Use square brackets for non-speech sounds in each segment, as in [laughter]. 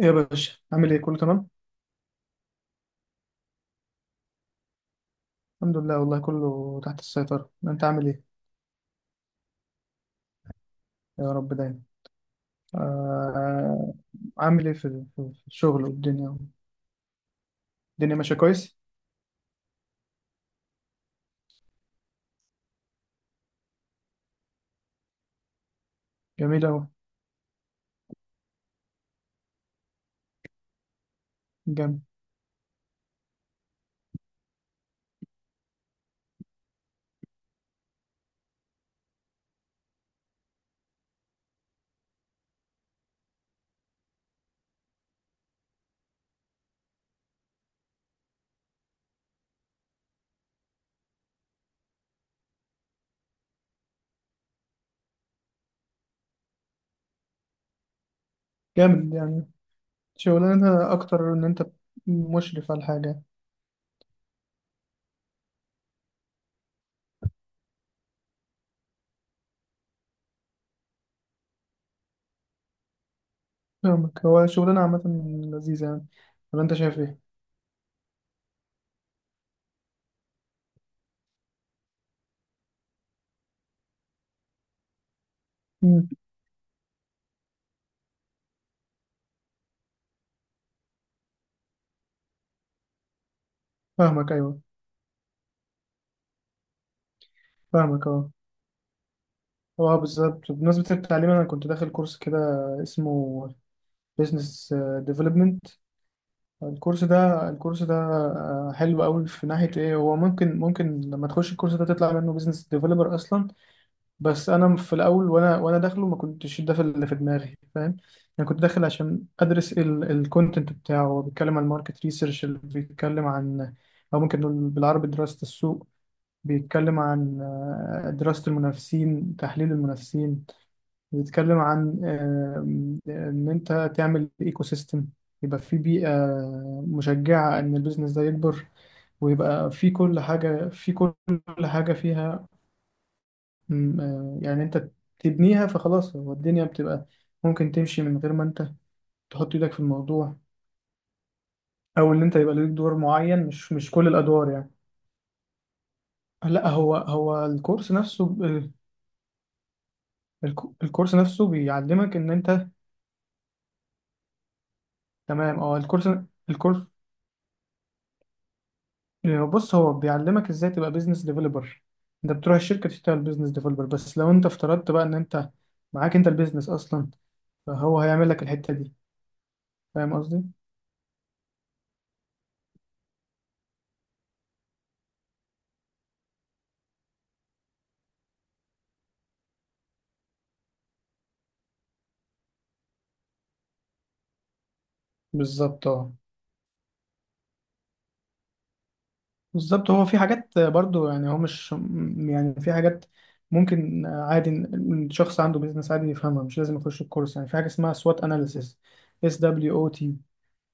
إيه يا باشا، عامل ايه؟ كله تمام؟ الحمد لله، والله كله تحت السيطرة. انت عامل ايه؟ يا رب دايما. آه. عامل ايه في الشغل والدنيا؟ الدنيا ماشية كويس. جميل اوي. جامد. جامد يعني، شغلانة اكتر ان انت مشرف على الحاجة. فاهمك، هو شغلانة عامة لذيذة يعني، ولا انت شايف ايه؟ مم. فاهمك، ايوه. فاهمك، اه. اه بالظبط، بمناسبة التعليم انا كنت داخل كورس كده اسمه بيزنس ديفلوبمنت. الكورس ده حلو قوي. في ناحية ايه؟ هو ممكن لما تخش الكورس ده تطلع منه بيزنس ديفلوبر اصلا. بس انا في الاول، وانا داخله ما كنتش ده في اللي في دماغي، فاهم؟ انا كنت داخل عشان ادرس الكونتنت بتاعه. هو بيتكلم عن ماركت ريسيرش، اللي بيتكلم عن، او ممكن نقول بالعربي، دراسة السوق. بيتكلم عن دراسة المنافسين، تحليل المنافسين. بيتكلم عن ان انت تعمل ايكو سيستم، يبقى في بيئة مشجعة ان البيزنس ده يكبر، ويبقى في كل حاجة، في كل حاجة فيها. م، آه، يعني انت تبنيها فخلاص، هو الدنيا بتبقى ممكن تمشي من غير ما انت تحط ايدك في الموضوع، او ان انت يبقى ليك دور معين، مش كل الادوار يعني. لا، هو الكورس نفسه الكورس نفسه بيعلمك ان انت، تمام اه. الكورس بص، هو بيعلمك ازاي تبقى بيزنس ديفلوبر. انت بتروح الشركه تشتغل بيزنس ديفلوبر، بس لو انت افترضت بقى ان انت معاك انت البيزنس اصلا، فهو هيعمل لك الحته دي. فاهم قصدي؟ بالظبط اه. بالظبط، هو في حاجات برضو يعني، هو مش يعني في حاجات ممكن عادي إن الشخص عنده بيزنس عادي يفهمها، مش لازم يخش الكورس. يعني في حاجه اسمها سوات اناليسيس، SWOT.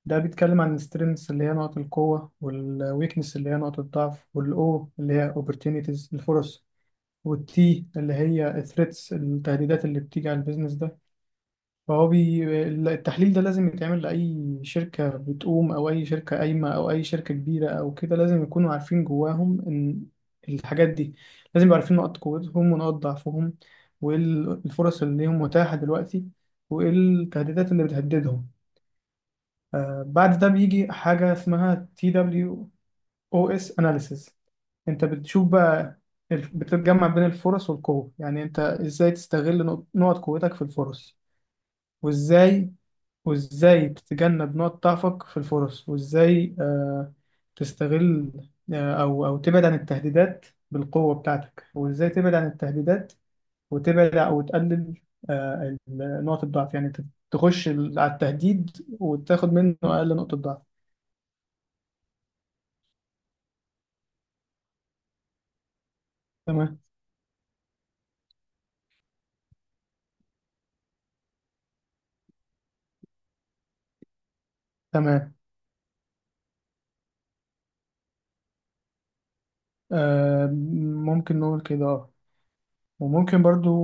ده بيتكلم عن السترينثس اللي هي نقط القوه، والويكنس اللي هي نقط الضعف، والاو اللي هي اوبورتونيتيز الفرص، والتي اللي هي الثريتس التهديدات اللي بتيجي على البيزنس ده. فهو بي... التحليل ده لازم يتعمل لأي شركة بتقوم، أو أي شركة قايمة، أو أي شركة كبيرة، أو كده لازم يكونوا عارفين جواهم إن الحاجات دي، لازم يبقوا عارفين نقاط قوتهم ونقاط ضعفهم، وإيه الفرص اللي ليهم متاحة دلوقتي، وإيه التهديدات اللي بتهددهم. بعد ده بيجي حاجة اسمها TOWS اناليسيز. انت بتشوف بقى، بتجمع بين الفرص والقوة، يعني انت ازاي تستغل نقط قوتك في الفرص، وازاي وازاي تتجنب نقط ضعفك في الفرص، وازاي تستغل، او تبعد عن التهديدات بالقوة بتاعتك، وازاي تبعد عن التهديدات وتبعد او تقلل نقط الضعف، يعني انت تخش على التهديد وتاخد منه اقل نقطة ضعف. تمام، تمام. آه ممكن نقول كده، اه. وممكن برضو،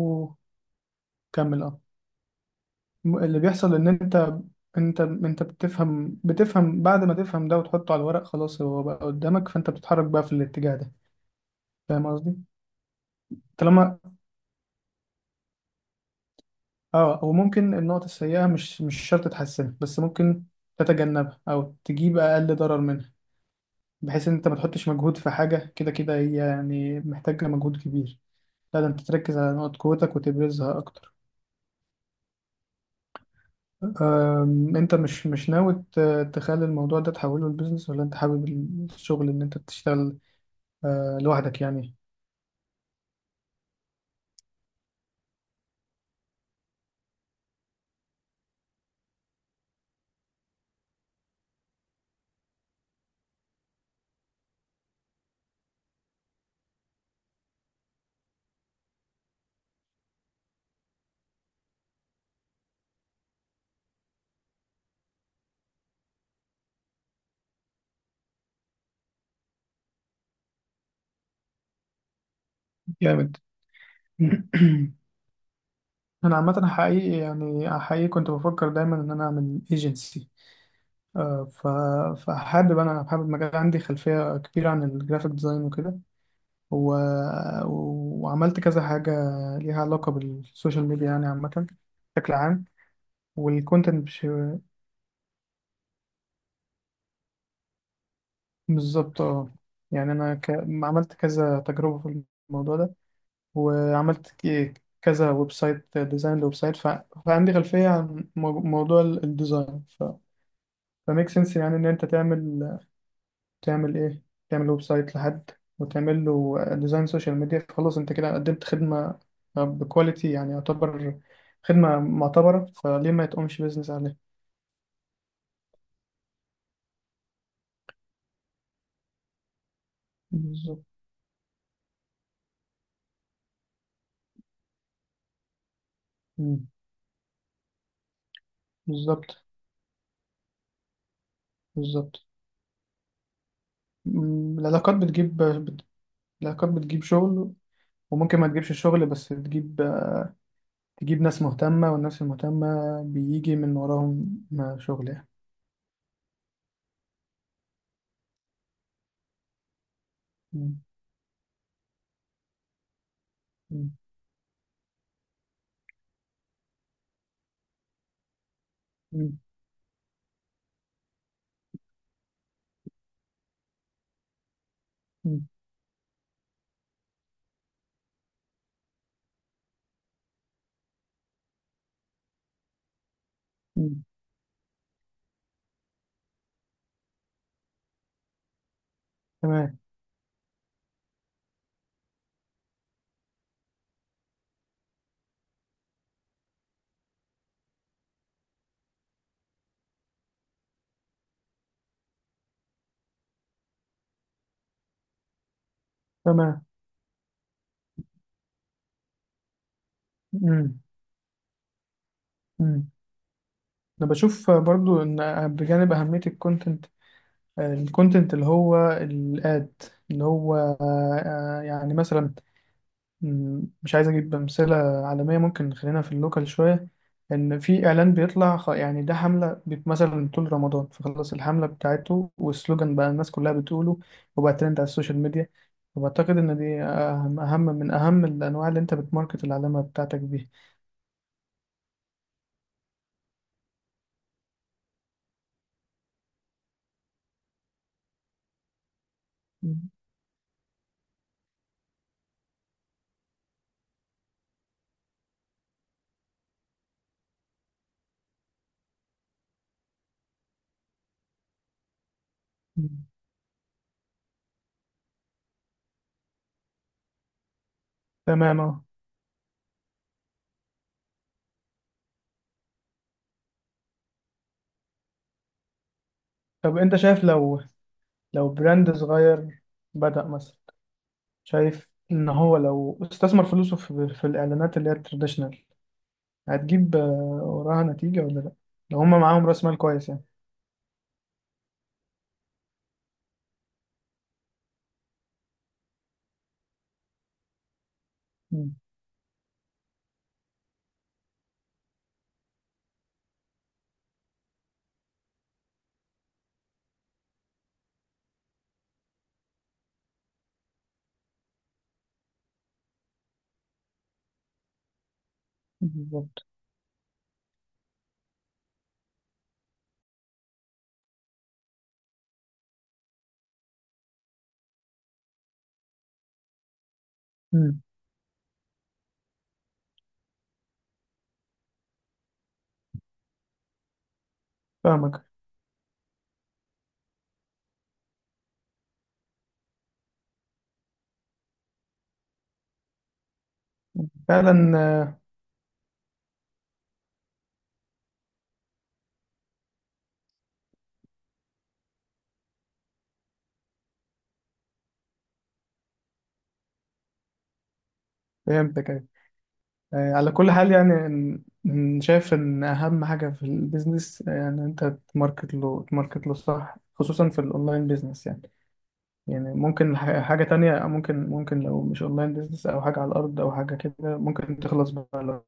كمل اه. اللي بيحصل ان انت، انت بتفهم بعد ما تفهم ده وتحطه على الورق، خلاص هو بقى قدامك، فانت بتتحرك بقى في الاتجاه ده. فاهم قصدي؟ طالما اه. وممكن النقط السيئة مش شرط تحسنها، بس ممكن تتجنبها او تجيب اقل ضرر منها، بحيث ان انت ما تحطش مجهود في حاجة كده كده هي يعني محتاجة مجهود كبير. لا، ده انت تركز على نقط قوتك وتبرزها اكتر. انت مش ناوي تخلي الموضوع ده تحوله لبيزنس، ولا انت حابب الشغل ان انت تشتغل لوحدك يعني؟ جامد. [clears throat] انا عامه حقيقي، يعني حقيقي كنت بفكر دايما ان انا اعمل ايجنسي، ف فحابب انا حابب مجال. عندي خلفيه كبيره عن الجرافيك ديزاين وكده، و... وعملت كذا حاجه ليها علاقه بالسوشيال ميديا يعني، عامه بشكل عام. والكونتنت. بالظبط اه. يعني انا عملت كذا تجربه في الموضوع ده، وعملت كذا ويب سايت ديزاين لويب سايت فعندي خلفيه عن موضوع الديزاين فميك سنس يعني ان انت تعمل ايه؟ تعمل ويب سايت لحد، وتعمل له ديزاين سوشيال ميديا، فخلاص انت كده قدمت خدمه بكواليتي، يعني يعتبر خدمه معتبره، فليه ما تقومش بيزنس عليها؟ بالظبط. مم. بالظبط، بالظبط. مم. العلاقات بتجيب العلاقات بتجيب شغل، وممكن ما تجيبش الشغل بس تجيب ناس مهتمة، والناس المهتمة بيجي من وراهم ما شغل يعني. مم. مم. مم. مم. مم. تمام، تمام. مم. مم. أنا بشوف برضو إن، بجانب أهمية الكونتنت، الكونتنت اللي هو الاد، اللي هو يعني مثلا، مش عايز اجيب امثله عالميه، ممكن نخلينا في اللوكال شويه. ان في اعلان بيطلع يعني ده حمله مثلا طول رمضان، فخلاص الحمله بتاعته والسلوجان بقى الناس كلها بتقوله، وبقى ترند على السوشيال ميديا. وبعتقد ان دي أهم من اهم الانواع اللي انت بتماركت العلامه بتاعتك بيها. مم. مم. تمام اه. طب انت شايف، لو براند صغير بدأ مثلا، شايف ان هو لو استثمر فلوسه في الاعلانات اللي هي التراديشنال، هتجيب وراها نتيجة ولا لأ؟ لو هما معاهم رأس مال كويس يعني. مم. بالظبط. مم. فاهمك. فعلا فهمتك، أيوة. على كل حال يعني، إن شايف إن أهم حاجة في البيزنس يعني أنت تماركت له، تماركت له صح، خصوصا في الأونلاين بيزنس يعني. يعني ممكن حاجة تانية، ممكن لو مش أونلاين بيزنس أو حاجة على الأرض أو حاجة كده، ممكن تخلص بالأفكار.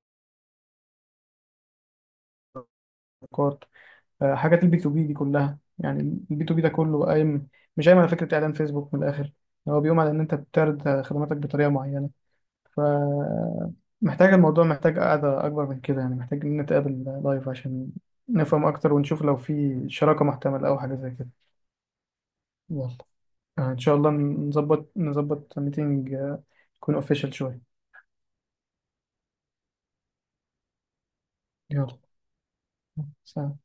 حاجات ال B2B دي كلها يعني. ال B2B ده كله قايم، مش قايم على فكرة إعلان فيسبوك من الآخر. يعني هو بيقوم على إن أنت بتعرض خدماتك بطريقة معينة، فمحتاج الموضوع محتاج قعدة أكبر من كده، يعني محتاج إن نتقابل لايف عشان نفهم أكتر ونشوف لو في شراكة محتملة أو حاجة زي كده. يلا، إن شاء الله نظبط ميتنج يكون أوفيشال شوية. يلا. سلام.